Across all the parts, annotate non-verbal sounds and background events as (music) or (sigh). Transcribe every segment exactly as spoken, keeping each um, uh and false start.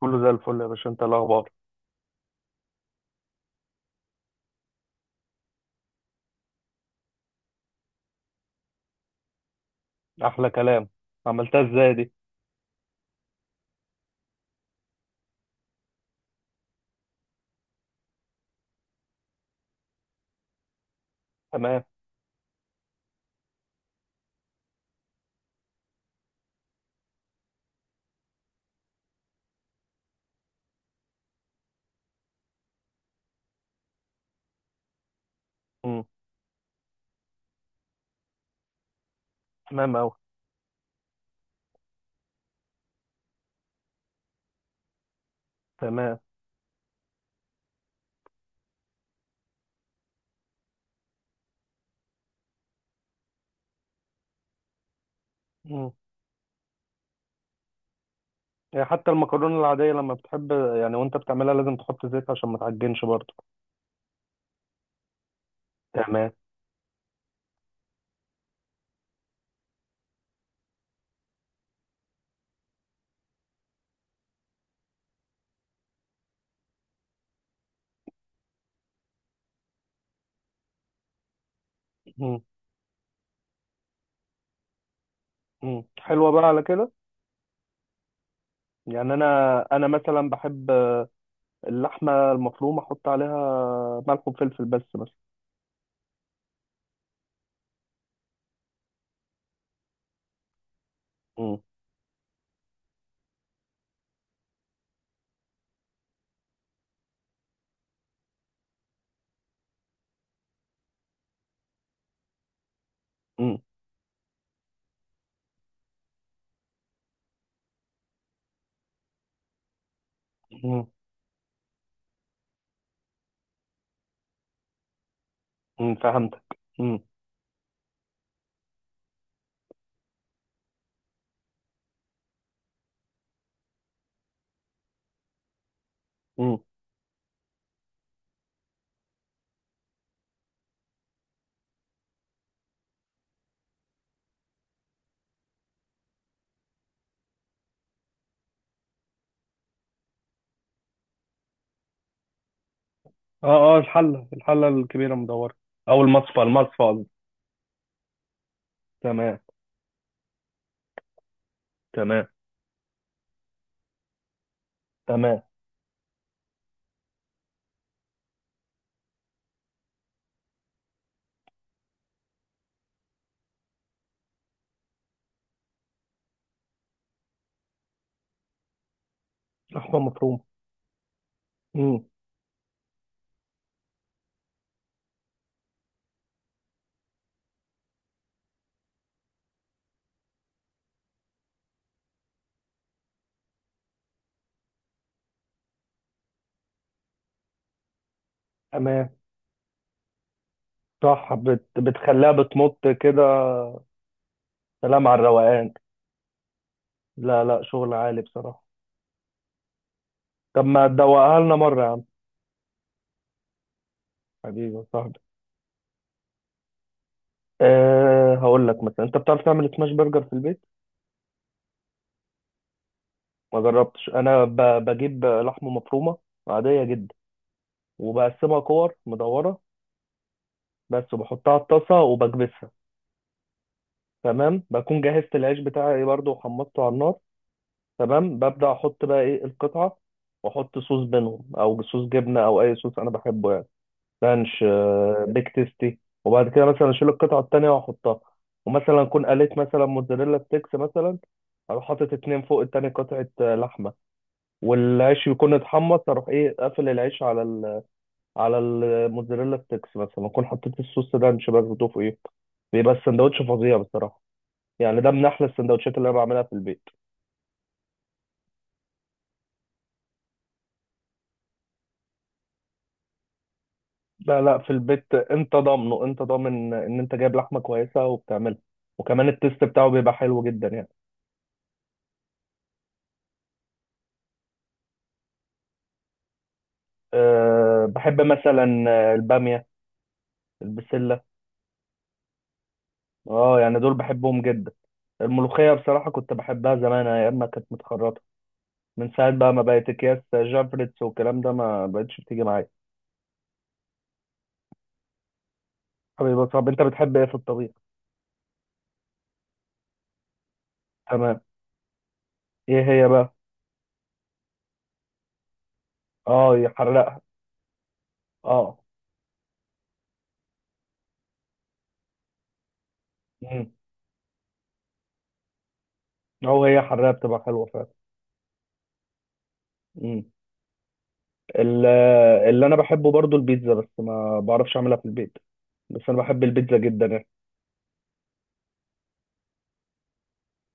كله زي الفل يا باشا، انت إيه الاخبار؟ احلى كلام. عملتها ازاي دي؟ تمام. مم. تمام اوي. تمام. مم. يعني حتى المكرونه العاديه لما بتحب، يعني وانت بتعملها لازم تحط زيت عشان ما تعجنش برضه. تمام. مم. مم. حلوه بقى على كده. يعني انا انا مثلا بحب اللحمه المفرومه، احط عليها ملح وفلفل بس مثلا. مم. مم. مم. مم. فهمتك. مم. مم. اه اه، الحله الحله الكبيره مدوره، او المصفى المصفى قصدي. تمام. تمام. تمام. لحمة مفرومة. امم تمام. صح، بت... بتخليها بتمط كده. سلام على الروقان. لا لا، شغل عالي بصراحة. طب ما تدوقها لنا مرة يا عم؟ حبيبي يا صاحبي. أه، هقول لك مثلا، انت بتعرف تعمل سماش برجر في البيت؟ ما جربتش. انا ب... بجيب لحمة مفرومة عادية جدا، وبقسمها كور مدورة بس، وبحطها على الطاسة وبكبسها. تمام، بكون جهزت العيش بتاعي برضو وحمصته على النار. تمام، ببدأ أحط بقى إيه القطعة، وأحط صوص بينهم، أو صوص جبنة، أو أي صوص أنا بحبه، يعني رانش، آه، بيك تيستي. وبعد كده مثلا أشيل القطعة التانية وأحطها، ومثلا أكون قليت مثلا موتزاريلا ستيكس مثلا، أروح حاطط اتنين فوق التاني قطعة آه، لحمة. والعيش يكون اتحمص، أروح إيه قافل العيش على ال على الموتزاريلا ستيكس، مثلا أكون حطيت الصوص رانش برضه فوقيه. بيبقى السندوتش فظيع بصراحة، يعني ده من أحلى السندوتشات اللي أنا بعملها في البيت. لا لا، في البيت انت ضامنه، انت ضامن ان انت جايب لحمه كويسه وبتعملها. وكمان التيست بتاعه بيبقى حلو جدا يعني. أه، بحب مثلا آه، الباميه، البسله. اه، يعني دول بحبهم جدا. الملوخيه بصراحه كنت بحبها زمان، ايام ما كانت متخرطه. من ساعه بقى ما بقت اكياس جافريتس والكلام ده، ما بقتش بتيجي معايا. حبيبي، طب انت بتحب ايه في الطبيخ؟ تمام. ايه هي بقى؟ اه، يحرقها. اه. امم او هي حرقها بتبقى حلوه فعلا. مم. ال- اللي انا بحبه برضو البيتزا، بس ما بعرفش اعملها في البيت. بس انا بحب البيتزا جدا يعني.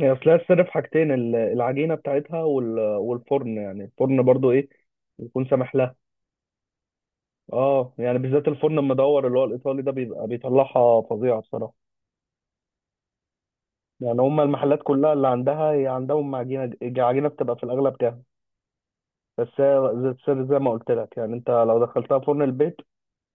هي اصلها السر في حاجتين، ال- العجينه بتاعتها وال- والفرن، يعني الفرن برضو ايه يكون سامح لها. اه، يعني بالذات الفرن المدور اللي هو الايطالي ده بيبقى بيطلعها فظيعه بصراحه، يعني هما المحلات كلها اللي عندها، هي عندهم عجينه، عجينه بتبقى في الاغلب جاهزه. بس هي زي السر زي ما قلت لك، يعني انت لو دخلتها فرن البيت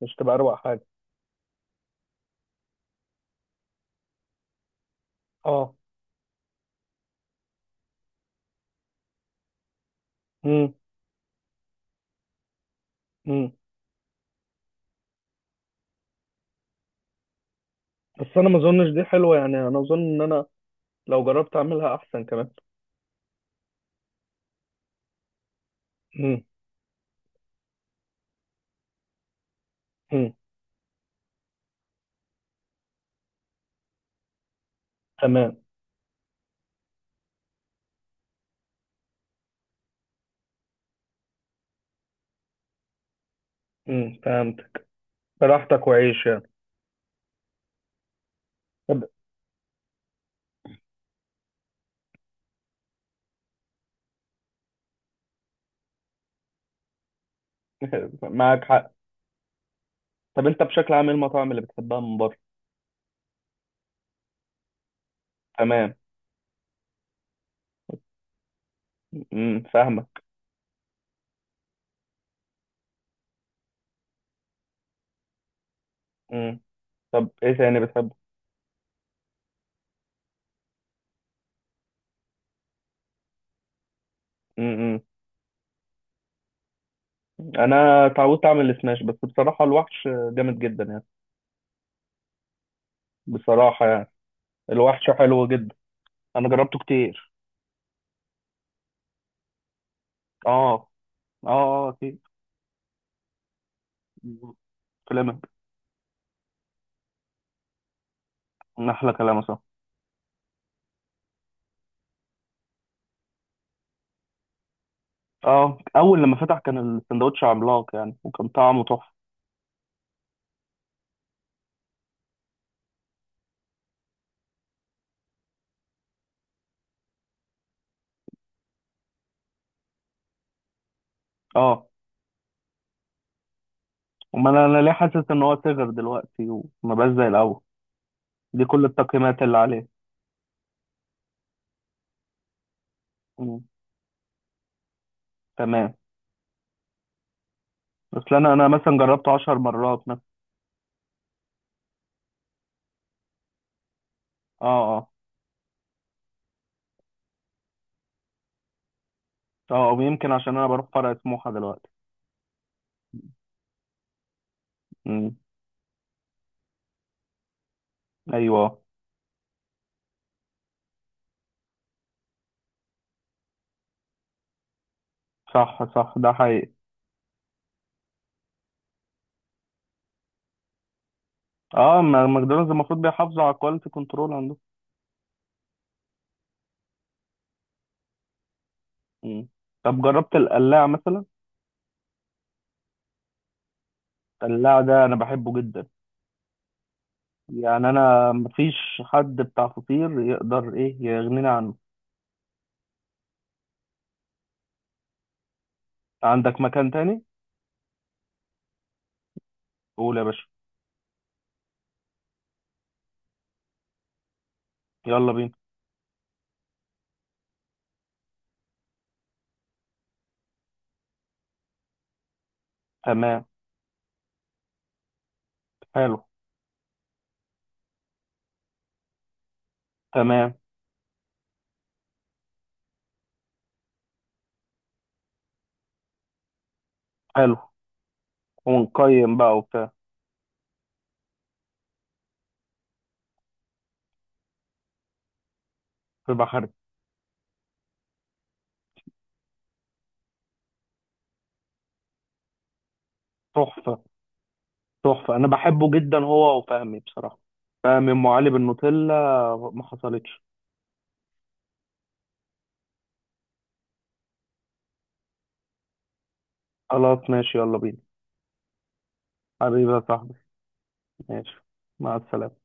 مش تبقى اروق حاجه؟ اه. امم امم بس انا ما اظنش دي حلوه، يعني انا اظن ان انا لو جربت اعملها احسن كمان. مم. مم. تمام. مم. فهمت. براحتك وعيش يعني. طب (laughs) معاك حق. طب انت بشكل عام ايه المطاعم اللي بتحبها من بره؟ تمام. مم. فاهمك. مم. طب ايه تاني بتحبه؟ مم. انا اتعودت اعمل السماش، بس بصراحة الوحش جامد جدا يعني، بصراحة يعني. الوحش حلو جدا، انا جربته كتير. اه اه اه، اكيد كلامك، احلى كلام، صح. اه، اول لما فتح كان السندوتش عملاق يعني، وكان طعمه تحفة. اه، امال انا أنا ليه حاسس ان هو صغر دلوقتي وما بقاش زي الاول؟ دي كل التقييمات اللي عليه. مم. تمام. اصل انا انا مثلا جربته عشر مرات مثلا. اه اه اه. او يمكن عشان انا بروح فرع سموحه دلوقتي. مم. ايوه، صح صح، ده حقيقي. اه، ما- ماكدونالدز المفروض بيحافظوا على الكواليتي كنترول عندهم. مم. طب جربت القلاع مثلا؟ القلاع ده انا بحبه جدا، يعني انا مفيش حد بتاع فطير يقدر ايه يغنينا عنه. عندك مكان تاني؟ قول يا باشا. يلا بينا. تمام. حلو. تمام. حلو. ونقيم بقى وبتاع. في بحري. تحفة. تحفة، أنا بحبه جدا هو وفهمي بصراحة. فهمي أم علي بالنوتيلا، ما حصلتش. خلاص ماشي، يلا بينا. حبيبي يا صاحبي. ماشي، مع السلامة.